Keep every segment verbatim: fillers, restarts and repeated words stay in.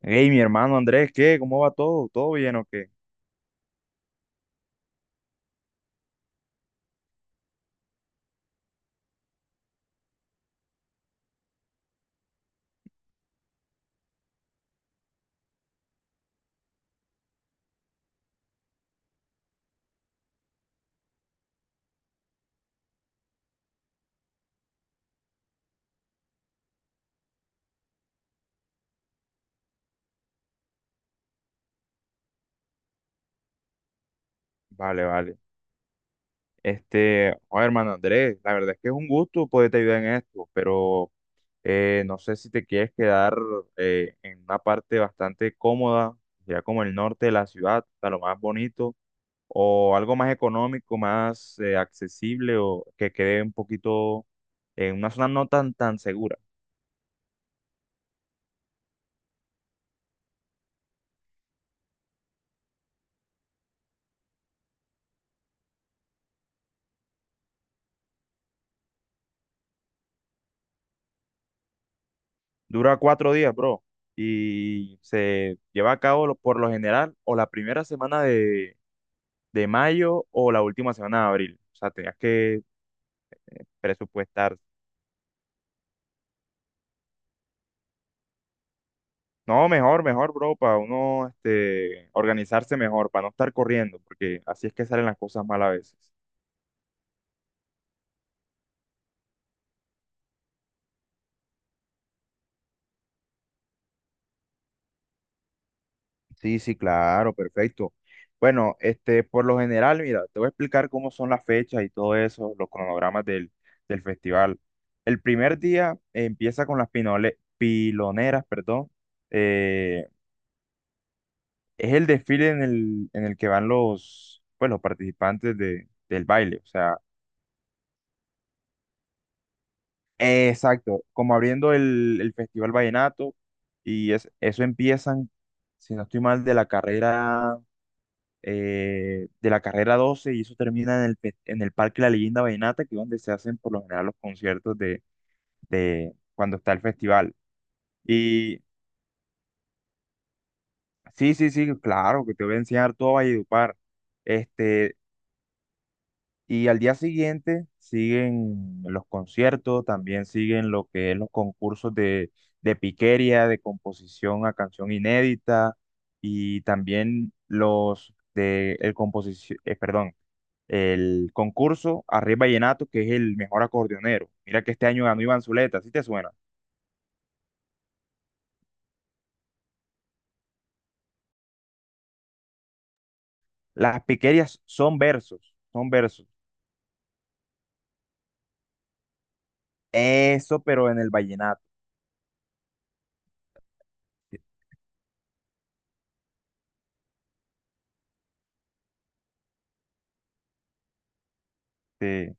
Hey, mi hermano Andrés, ¿qué? ¿Cómo va todo? ¿Todo bien o qué? Vale, vale. Este, oye, hermano Andrés, la verdad es que es un gusto poderte ayudar en esto, pero eh, no sé si te quieres quedar eh, en una parte bastante cómoda, ya como el norte de la ciudad, hasta lo más bonito, o algo más económico, más eh, accesible, o que quede un poquito en una zona no tan, tan segura. Dura cuatro días, bro, y se lleva a cabo lo- por lo general o la primera semana de, de mayo o la última semana de abril. O sea, tenías que presupuestar. No, mejor, mejor, bro, para uno este, organizarse mejor, para no estar corriendo, porque así es que salen las cosas mal a veces. Sí, sí, claro, perfecto. Bueno, este, por lo general, mira, te voy a explicar cómo son las fechas y todo eso, los cronogramas del, del festival. El primer día empieza con las pinole- piloneras, perdón. Es el desfile en el, en el que van los, pues, los participantes de, del baile, o sea, eh, exacto, como abriendo el, el Festival Vallenato, y es, eso empiezan, si no estoy mal, de la carrera, eh, de la carrera doce y eso termina en el, fe- en el Parque La Leyenda Vallenata, que es donde se hacen por lo general los conciertos de, de cuando está el festival. Y sí, sí, sí, claro, que te voy a enseñar todo Valledupar. Este, Y al día siguiente siguen los conciertos, también siguen lo que es los concursos de, de piquería, de composición a canción inédita y también los de el composición, perdón, el concurso Arriba Vallenato, que es el mejor acordeonero. Mira que este año ganó Iván Zuleta, ¿sí te suena? Las piquerías son versos, son versos. Eso, pero en el vallenato. Este,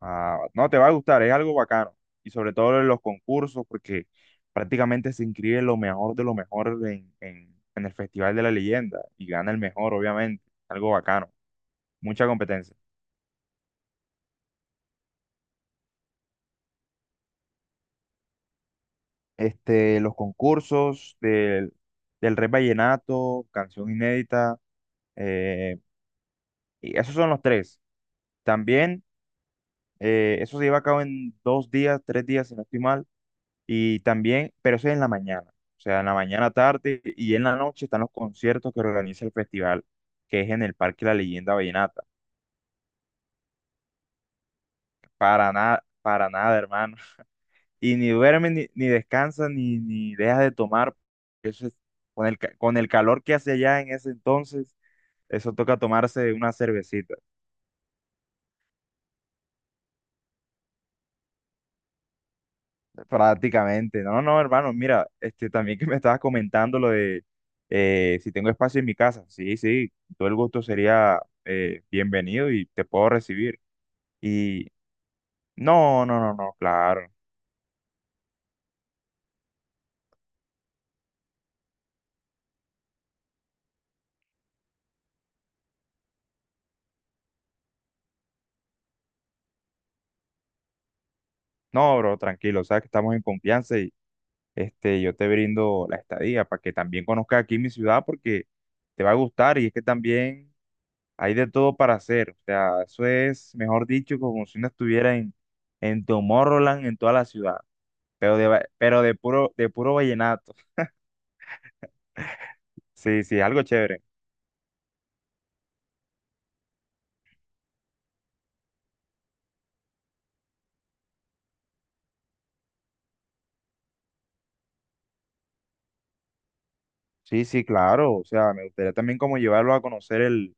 Ah, no, te va a gustar, es algo bacano. Y sobre todo en los concursos, porque prácticamente se inscribe lo mejor de lo mejor en, en, en el Festival de la Leyenda y gana el mejor, obviamente. Algo bacano, mucha competencia. Este, los concursos del, del Rey Vallenato, canción inédita, eh, y esos son los tres. También, eh, eso se lleva a cabo en dos días, tres días, si no estoy mal. Y también, pero eso es en la mañana, o sea, en la mañana, tarde y en la noche están los conciertos que organiza el festival, que es en el Parque La Leyenda Vallenata. Para nada, para nada, hermano. Y ni duermes, ni, ni descansas, ni, ni dejas de tomar. Eso es- con el, ca- con el calor que hace allá en ese entonces, eso toca tomarse una cervecita. Prácticamente. No, no, hermano, mira, este, también que me estabas comentando lo de eh, si tengo espacio en mi casa. Sí, sí, todo el gusto sería eh, bienvenido y te puedo recibir. Y no, no, no, no, claro. No, bro, tranquilo, sabes que estamos en confianza y este, yo te brindo la estadía para que también conozcas aquí mi ciudad porque te va a gustar y es que también hay de todo para hacer. O sea, eso es, mejor dicho, como si uno estuviera en, en Tomorrowland, en toda la ciudad. Pero de, va- pero de puro, de puro vallenato. Sí, sí, algo chévere. Sí, sí, claro. O sea, me gustaría también como llevarlo a conocer el,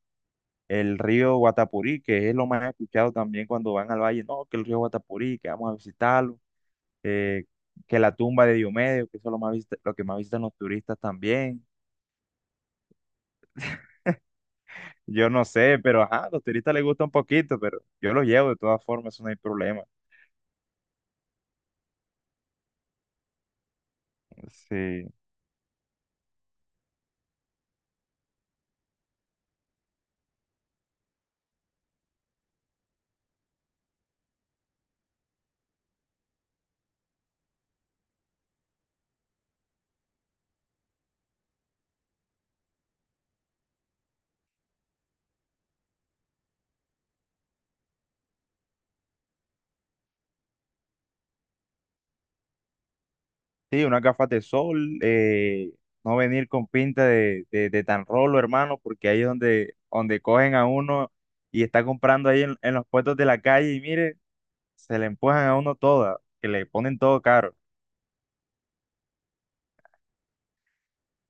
el río Guatapurí, que es lo más escuchado también cuando van al valle. No, que el río Guatapurí, que vamos a visitarlo. eh, que la tumba de Diomedes, que eso es lo más visita- lo que más visitan los turistas también. Yo no sé, pero ajá, a los turistas les gusta un poquito, pero yo los llevo de todas formas, eso no hay problema. Sí. Sí, unas gafas de sol, eh, no venir con pinta de, de, de tan rolo, hermano, porque ahí es donde, donde cogen a uno y está comprando ahí en, en los puestos de la calle y mire, se le empujan a uno toda, que le ponen todo caro.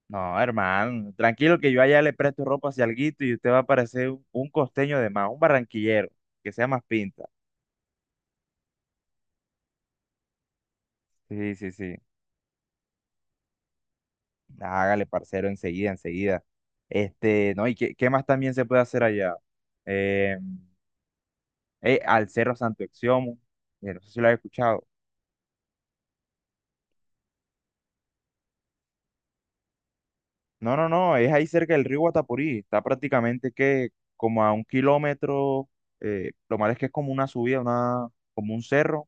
No, hermano, tranquilo que yo allá le presto ropa si alguito y usted va a parecer un, un costeño de más, un barranquillero, que sea más pinta. Sí, sí, sí. Hágale, parcero, enseguida, enseguida. Este, no, ¿y qué, qué más también se puede hacer allá? Em, eh, al Cerro Santo Exiomo. eh, no sé si lo has escuchado. No, no, no, es ahí cerca del río Guatapurí. Está prácticamente que como a un kilómetro. eh, lo malo es que es como una subida, una, como un cerro,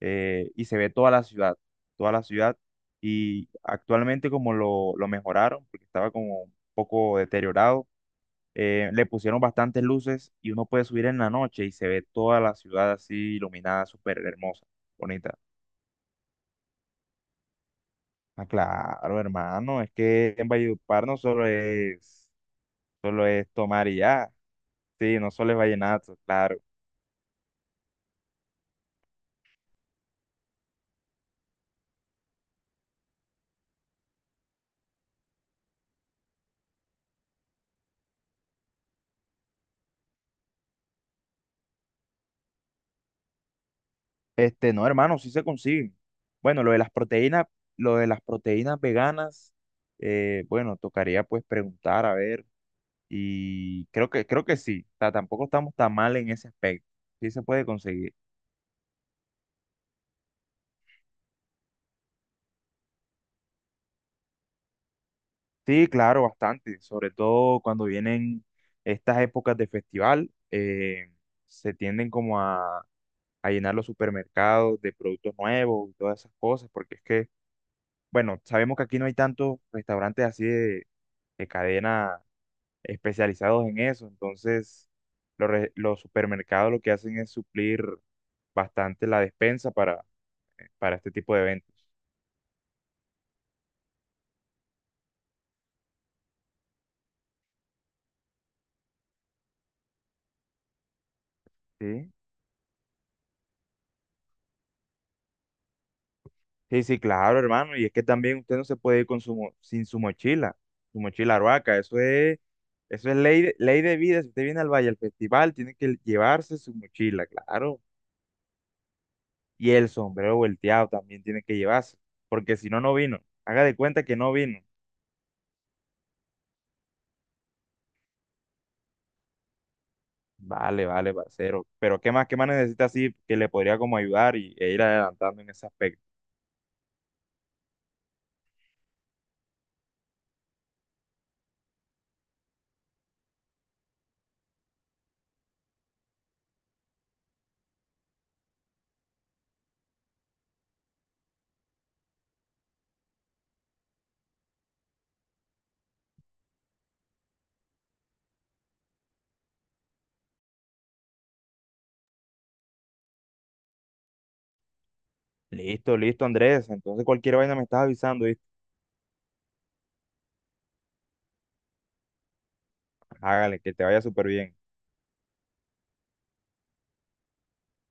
eh, y se ve toda la ciudad, toda la ciudad. Y actualmente como lo, lo mejoraron, porque estaba como un poco deteriorado, eh, le pusieron bastantes luces y uno puede subir en la noche y se ve toda la ciudad así iluminada, súper hermosa, bonita. Ah, claro, hermano, es que en Valledupar no solo es, solo es tomar y ya, sí, no solo es vallenato, claro. Este, no, hermano, sí se consiguen. Bueno, lo de las proteínas, lo de las proteínas veganas, eh, bueno, tocaría pues preguntar, a ver, y creo que, creo que sí, o sea, tampoco estamos tan mal en ese aspecto, sí se puede conseguir. Sí, claro, bastante, sobre todo cuando vienen estas épocas de festival, eh, se tienden como a a llenar los supermercados de productos nuevos y todas esas cosas, porque es que, bueno, sabemos que aquí no hay tantos restaurantes así de, de cadena especializados en eso, entonces los, re- los supermercados lo que hacen es suplir bastante la despensa para, eh, para este tipo de eventos. Sí, sí, sí, claro, hermano, y es que también usted no se puede ir con su, mo- sin su mochila, su mochila arhuaca, eso es... Eso es ley de, ley de vida. Si usted viene al Valle al festival, tiene que llevarse su mochila, claro. Y el sombrero volteado también tiene que llevarse, porque si no, no vino. Haga de cuenta que no vino. Vale, vale, parcero. Pero ¿qué más, qué más necesita así que le podría como ayudar y, e ir adelantando en ese aspecto? Listo, listo, Andrés. Entonces cualquier vaina me estás avisando, ¿viste? Hágale, que te vaya súper bien.